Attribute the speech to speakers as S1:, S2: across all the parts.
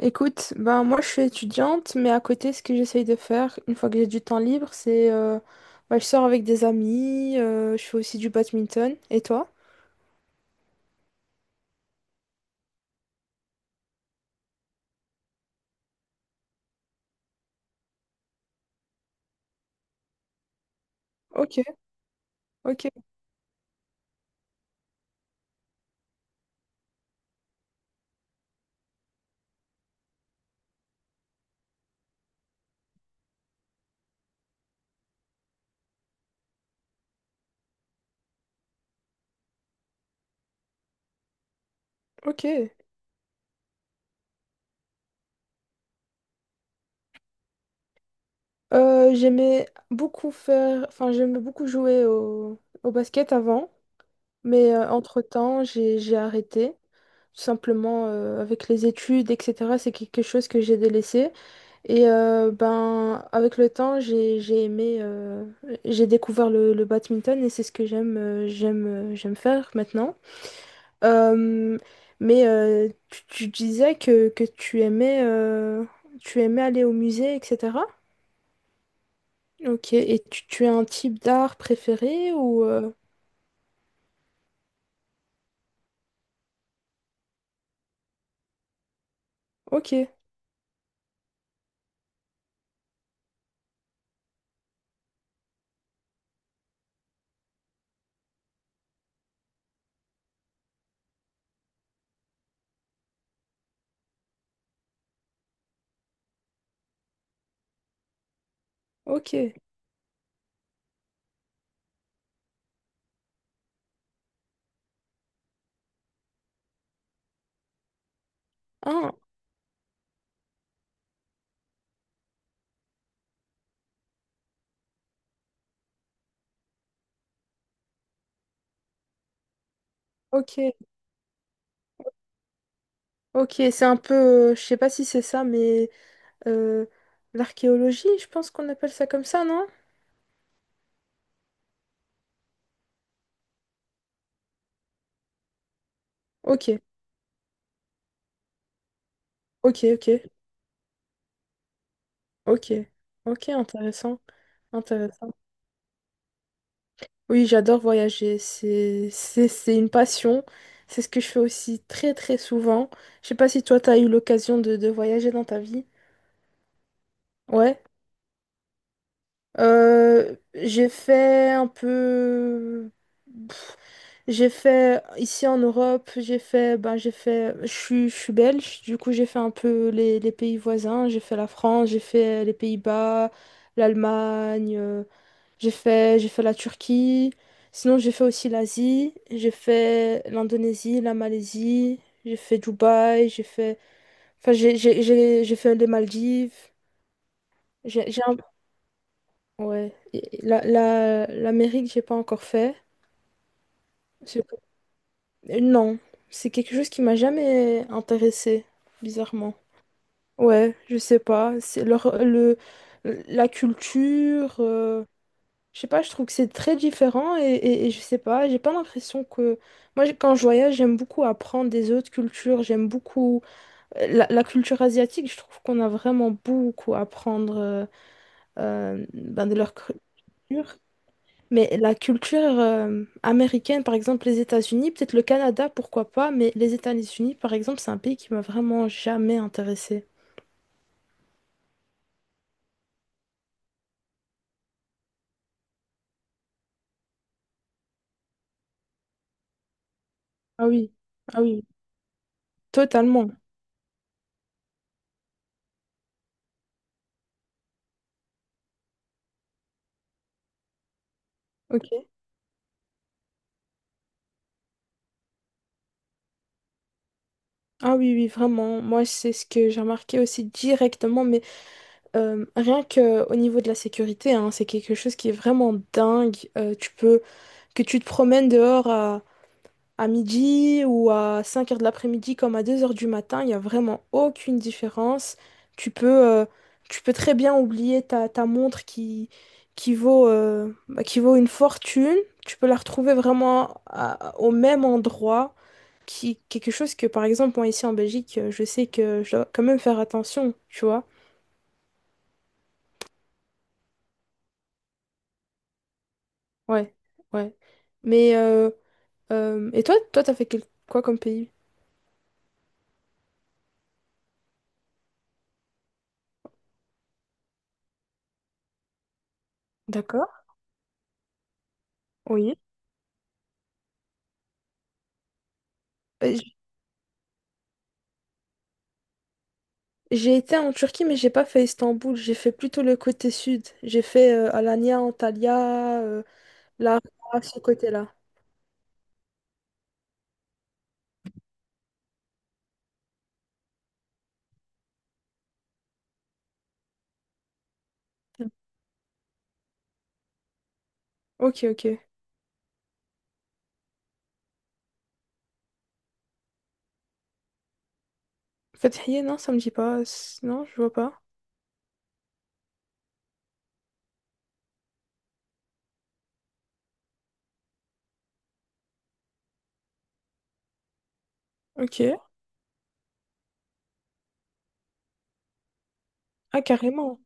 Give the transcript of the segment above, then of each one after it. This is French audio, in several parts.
S1: Écoute, ben moi je suis étudiante, mais à côté, ce que j'essaye de faire une fois que j'ai du temps libre, c'est ben, je sors avec des amis, je fais aussi du badminton. Et toi? Ok, ok, ok. J'aimais beaucoup faire, enfin j'aimais beaucoup jouer au basket avant, mais entre-temps j'ai arrêté. Tout simplement avec les études, etc. C'est quelque chose que j'ai délaissé. Et ben, avec le temps, j'ai aimé, j'ai découvert le badminton et c'est ce que j'aime faire maintenant. Euh, mais tu disais que tu aimais aller au musée, etc. Ok, et tu as un type d'art préféré ou? Ok, ok, ah, ok, ok, c'est un peu, je sais pas si c'est ça, mais euh, l'archéologie, je pense qu'on appelle ça comme ça, non? Ok, ok, ok. Ok, ok, intéressant, intéressant. Oui, j'adore voyager, c'est une passion, c'est ce que je fais aussi très très souvent. Je sais pas si toi t'as eu l'occasion de voyager dans ta vie. Ouais, j'ai fait un peu, j'ai fait ici en Europe, j'ai fait, ben j'ai fait, je suis belge, du coup j'ai fait un peu les pays voisins, j'ai fait la France, j'ai fait les Pays-Bas, l'Allemagne. J'ai fait la Turquie. Sinon, j'ai fait aussi l'Asie. J'ai fait l'Indonésie, la Malaisie. J'ai fait Dubaï. J'ai fait. Enfin, j'ai fait les Maldives. J'ai j'ai un- Ouais. Et l'Amérique, j'ai pas encore fait. C'est- Non. C'est quelque chose qui m'a jamais intéressé bizarrement. Ouais, je sais pas. C'est la culture. Je sais pas, je trouve que c'est très différent et je sais pas, j'ai pas l'impression que. Moi, quand je voyage, j'aime beaucoup apprendre des autres cultures, j'aime beaucoup la culture asiatique, je trouve qu'on a vraiment beaucoup à apprendre ben, de leur culture. Mais la culture américaine, par exemple les États-Unis, peut-être le Canada, pourquoi pas, mais les États-Unis, par exemple, c'est un pays qui m'a vraiment jamais intéressée. Ah oui, ah oui, totalement. Ok. Ah oui, oui, vraiment. Moi, c'est ce que j'ai remarqué aussi directement, mais rien que au niveau de la sécurité, hein, c'est quelque chose qui est vraiment dingue. Tu peux que tu te promènes dehors à midi ou à 5 heures de l'après-midi comme à 2 heures du matin, il n'y a vraiment aucune différence. Tu peux, euh, tu peux très bien oublier ta montre qui vaut, bah, qui vaut une fortune. Tu peux la retrouver vraiment au même endroit. Quelque chose que, par exemple, moi ici en Belgique, je sais que je dois quand même faire attention, tu vois. Ouais, ouais. Mais, et toi, t'as fait quoi comme pays? D'accord, oui. Euh, j- J'ai été en Turquie, mais j'ai pas fait Istanbul. J'ai fait plutôt le côté sud. J'ai fait Alanya, Antalya, Larnaca, ce côté-là. Ok, ok. Fethiye, non, ça me dit pas. Non, je vois pas. Ok. Ah, carrément.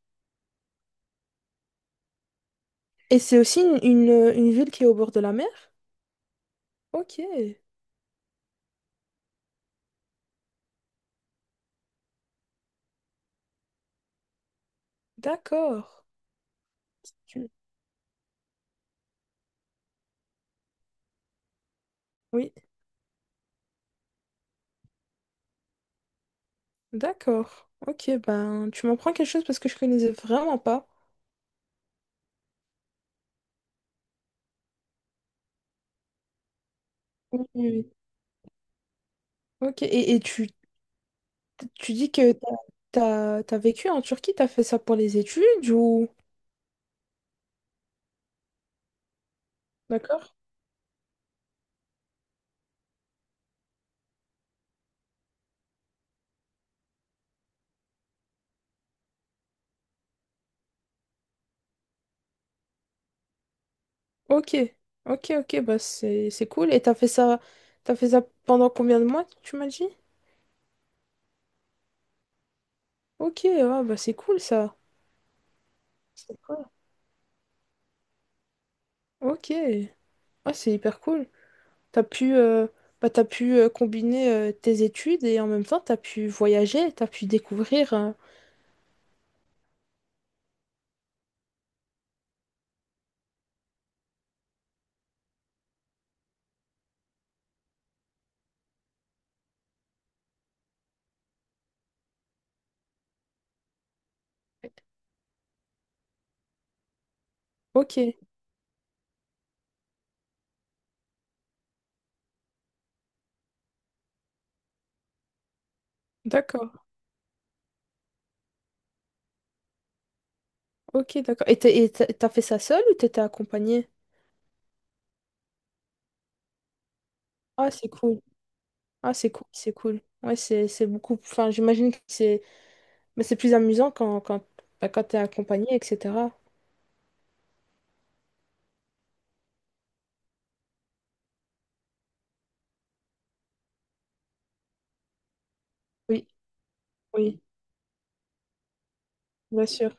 S1: Et c'est aussi une, une ville qui est au bord de la mer? Ok, d'accord. Tu- Oui, d'accord. Ok, ben, tu m'en prends quelque chose parce que je connaissais vraiment pas. Oui, oui. Oui. Ok, et tu dis que t'as, as vécu en Turquie, t'as fait ça pour les études ou? D'accord. Ok, ok, ok, bah c'est cool. Et t'as fait ça, pendant combien de mois, tu m'as dit? Ok, ah, bah c'est cool ça. C'est cool. Ok, ah, c'est hyper cool. T'as pu, bah, t'as pu combiner tes études et en même temps t'as pu voyager, t'as pu découvrir. Ok, d'accord, ok, d'accord. Et t'as fait ça seule ou t'étais accompagnée? Ah, c'est cool. Ah, c'est cool, c'est cool. Ouais, c'est beaucoup. Enfin, j'imagine que c'est. Mais c'est plus amusant quand, bah, quand t'es accompagné, etc. Oui, oui, bien sûr.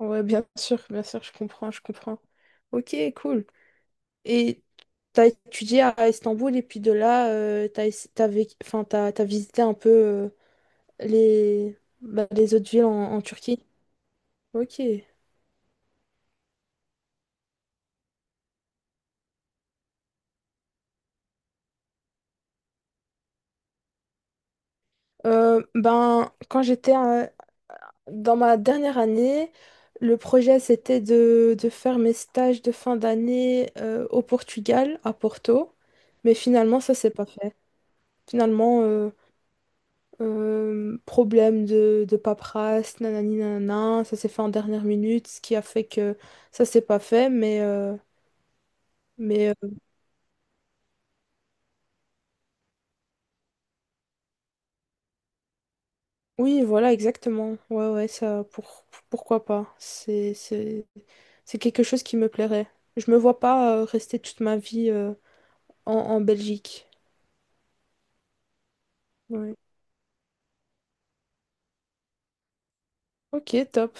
S1: Ouais, bien sûr, je comprends, je comprends. Ok, cool. Et t'as étudié à Istanbul et puis de là, t'as, ess- t'as vécu- enfin, t'as visité un peu bah, les autres villes en Turquie. Ok. Ben, dans ma dernière année, le projet c'était de faire mes stages de fin d'année au Portugal, à Porto, mais finalement ça s'est pas fait. Finalement, problème de paperasse, nanani nanana, ça s'est fait en dernière minute, ce qui a fait que ça s'est pas fait, mais, oui, voilà, exactement. Ouais, ouais, ça, pourquoi pas? C'est quelque chose qui me plairait. Je me vois pas rester toute ma vie en Belgique. Ouais. Ok, top.